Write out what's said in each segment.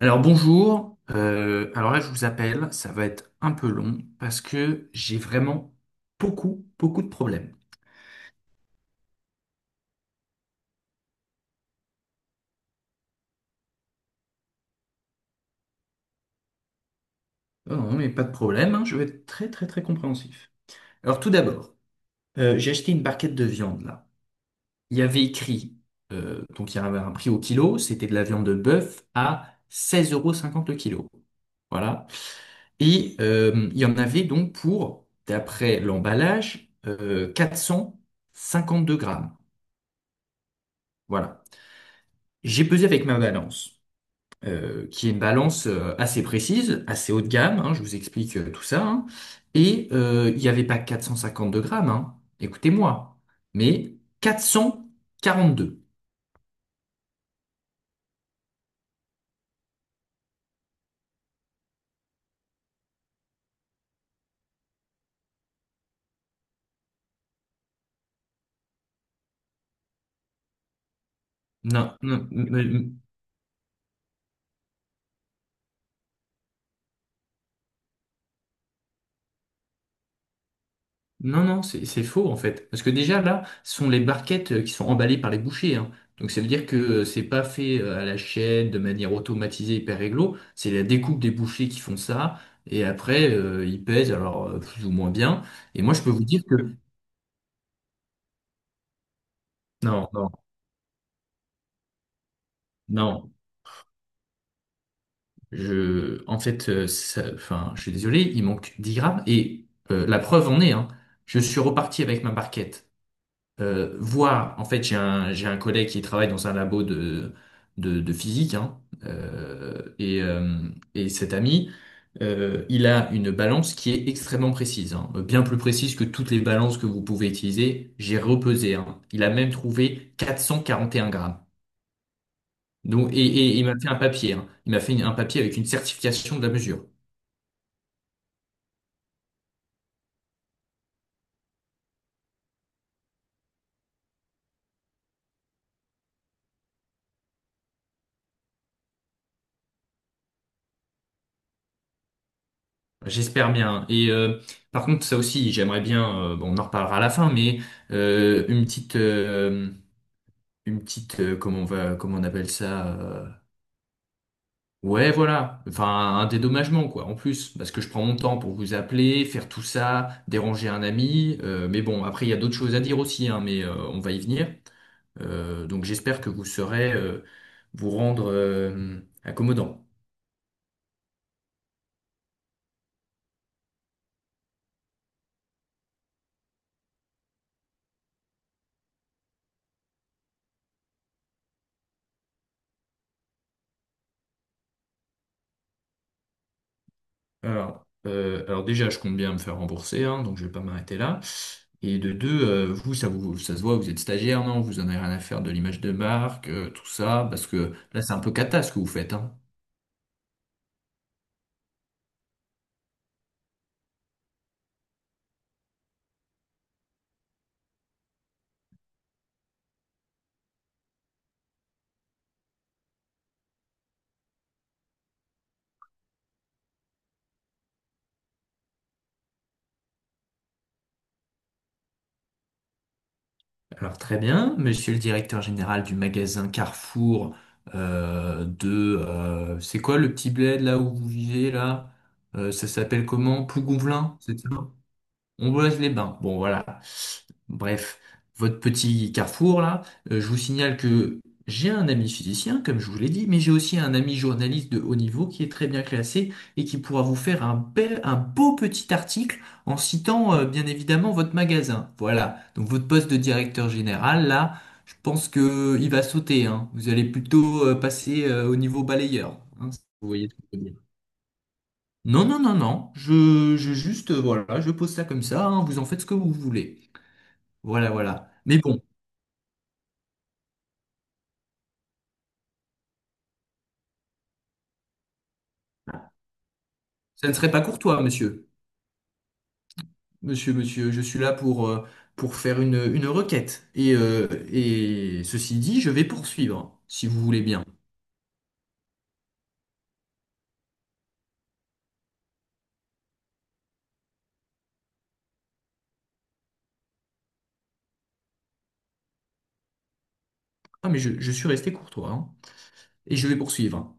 Alors bonjour. Alors là je vous appelle, ça va être un peu long parce que j'ai vraiment beaucoup, beaucoup de problèmes. Oh non mais pas de problème, hein, je vais être très très très compréhensif. Alors tout d'abord, j'ai acheté une barquette de viande là. Il y avait écrit, donc il y avait un prix au kilo, c'était de la viande de bœuf à 16,50 € le kilo. Voilà. Et il y en avait donc pour, d'après l'emballage, 2 grammes. Voilà. J'ai pesé avec ma balance, qui est une balance assez précise, assez haut de gamme, hein, je vous explique tout ça, hein. Et il n'y avait pas 452 grammes, hein, écoutez-moi, mais 442. Non, non, m- m- Non, non, c'est faux en fait. Parce que déjà là, ce sont les barquettes qui sont emballées par les bouchers, hein. Donc ça veut dire que c'est pas fait à la chaîne de manière automatisée, hyper réglo. C'est la découpe des bouchers qui font ça. Et après, ils pèsent alors plus ou moins bien. Et moi, je peux vous dire que non, non, non. En fait, enfin, je suis désolé, il manque 10 grammes. Et la preuve en est, hein. Je suis reparti avec ma barquette, voir, en fait, j'ai un collègue qui travaille dans un labo de physique, hein, euh, et, euh, et cet ami, il a une balance qui est extrêmement précise, hein, bien plus précise que toutes les balances que vous pouvez utiliser. J'ai repesé, hein. Il a même trouvé 441 grammes. Donc, et il m'a fait un papier, hein. Il m'a fait un papier avec une certification de la mesure. J'espère bien. Et par contre, ça aussi, j'aimerais bien, bon, on en reparlera à la fin, mais euh, une petite, euh, une petite, comment on appelle ça, ouais, voilà, enfin, un dédommagement, quoi, en plus, parce que je prends mon temps pour vous appeler, faire tout ça, déranger un ami, mais bon, après, il y a d'autres choses à dire aussi, hein, mais on va y venir. Donc, j'espère que vous saurez vous rendre accommodant. Alors, déjà, je compte bien me faire rembourser, hein, donc je vais pas m'arrêter là. Et de deux, vous, ça se voit, vous êtes stagiaire, non? Vous en avez rien à faire de l'image de marque, tout ça, parce que là, c'est un peu cata ce que vous faites, hein. Alors très bien, monsieur le directeur général du magasin Carrefour de... c'est quoi le petit bled là où vous vivez là? Ça s'appelle comment? Plougonvelin, c'est ça? On boise les bains. Bon, voilà. Bref, votre petit carrefour là, je vous signale que j'ai un ami physicien, comme je vous l'ai dit, mais j'ai aussi un ami journaliste de haut niveau qui est très bien classé et qui pourra vous faire un beau petit article en citant bien évidemment votre magasin. Voilà. Donc votre poste de directeur général là, je pense que il va sauter, hein. Vous allez plutôt passer au niveau balayeur, hein, si vous voyez ce que je veux dire. Non, non, non, non. Je juste, voilà, je pose ça comme ça, hein, vous en faites ce que vous voulez. Voilà, voilà. Mais bon, ça ne serait pas courtois, monsieur. Monsieur, monsieur, je suis là pour faire une requête. Et ceci dit, je vais poursuivre, si vous voulez bien. Ah, mais je suis resté courtois, hein. Et je vais poursuivre.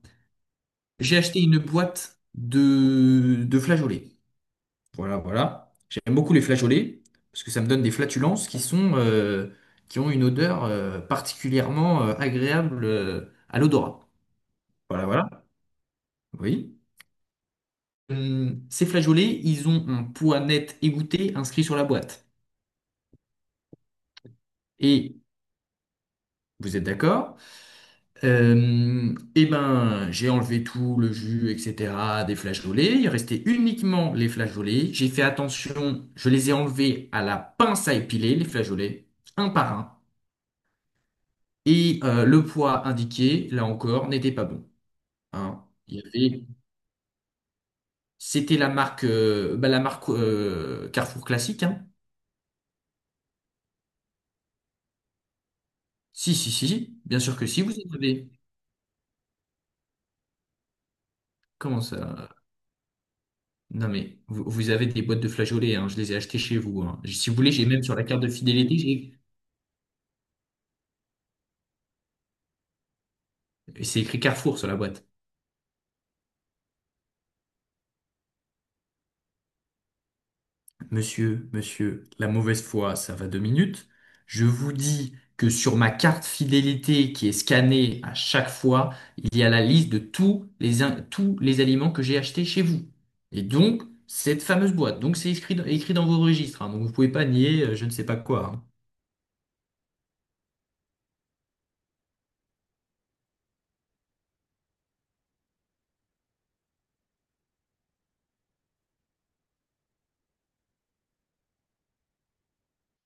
J'ai acheté une boîte de flageolets. Voilà, voilà. J'aime beaucoup les flageolets parce que ça me donne des flatulences qui sont, qui ont une odeur particulièrement agréable à l'odorat. Voilà, voilà. Oui. Ces flageolets, ils ont un poids net égoutté inscrit sur la boîte. Et vous êtes d'accord? Eh ben, j'ai enlevé tout le jus, etc. des flageolets. Il restait uniquement les flageolets. J'ai fait attention. Je les ai enlevés à la pince à épiler, les flageolets, un par un. Et le poids indiqué, là encore, n'était pas bon, hein. Il y avait, c'était la marque, bah, la marque Carrefour classique, hein. Si, si, si, bien sûr que si. Vous en avez. Comment ça? Non mais vous avez des boîtes de flageolets, hein. Je les ai achetées chez vous, hein. Si vous voulez, j'ai même sur la carte de fidélité, j'ai- c'est écrit Carrefour sur la boîte. Monsieur, monsieur, la mauvaise foi, ça va 2 minutes. Je vous dis que sur ma carte fidélité qui est scannée à chaque fois, il y a la liste de tous les, tous les aliments que j'ai achetés chez vous. Et donc, cette fameuse boîte. Donc, écrit dans vos registres, hein. Donc, vous pouvez pas nier je ne sais pas quoi, hein.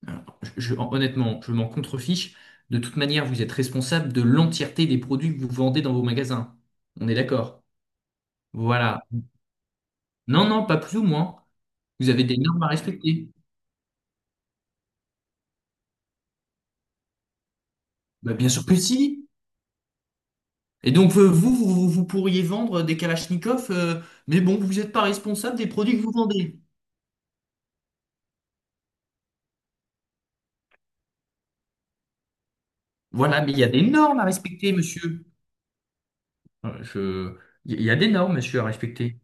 Alors, honnêtement, je m'en contrefiche. De toute manière, vous êtes responsable de l'entièreté des produits que vous vendez dans vos magasins. On est d'accord? Voilà. Non, non, pas plus ou moins. Vous avez des normes à respecter. Bah, bien sûr que si. Et donc, pourriez vendre des Kalachnikov, mais bon, vous n'êtes pas responsable des produits que vous vendez. Voilà, mais il y a des normes à respecter, monsieur. Je... Il y a des normes, monsieur, à respecter.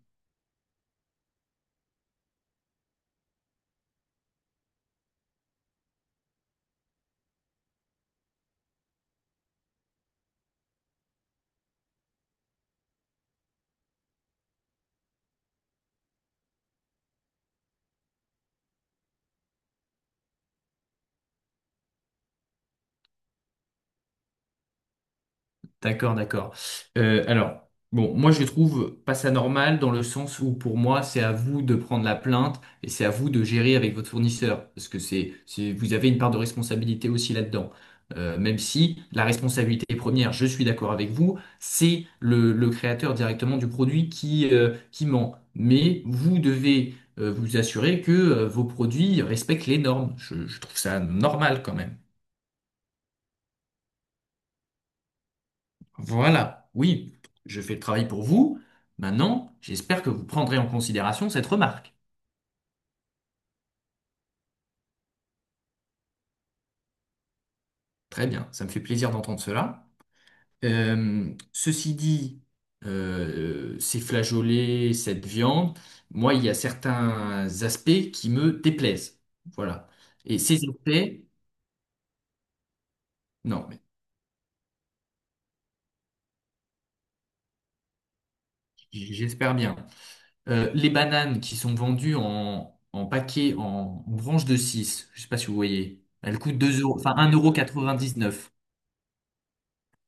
D'accord, d'accord. Alors, bon, moi je trouve pas ça normal dans le sens où pour moi c'est à vous de prendre la plainte et c'est à vous de gérer avec votre fournisseur parce que vous avez une part de responsabilité aussi là-dedans. Même si la responsabilité première, je suis d'accord avec vous, c'est le créateur directement du produit qui ment. Mais vous devez vous assurer que vos produits respectent les normes. Je trouve ça normal quand même. Voilà, oui, je fais le travail pour vous. Maintenant, j'espère que vous prendrez en considération cette remarque. Très bien, ça me fait plaisir d'entendre cela. Ceci dit, ces flageolets, cette viande, moi, il y a certains aspects qui me déplaisent. Voilà. Et ces aspects, non, mais j'espère bien. Les bananes qui sont vendues en paquet, en branche de 6, je ne sais pas si vous voyez, elles coûtent 2 euros, enfin un euro quatre-vingt-dix-neuf.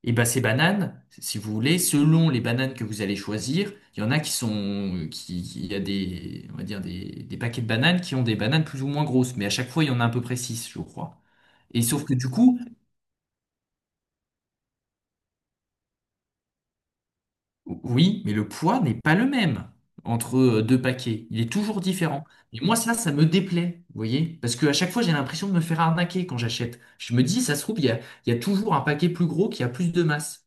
Et ben ces bananes, si vous voulez, selon les bananes que vous allez choisir, il y en a qui sont, qui- il y a des, on va dire des paquets de bananes qui ont des bananes plus ou moins grosses, mais à chaque fois il y en a à peu près 6, je crois. Et sauf que du coup, oui, mais le poids n'est pas le même entre 2 paquets. Il est toujours différent. Et moi, ça me déplaît, vous voyez? Parce qu'à chaque fois, j'ai l'impression de me faire arnaquer quand j'achète. Je me dis, ça se trouve, il y a toujours un paquet plus gros qui a plus de masse.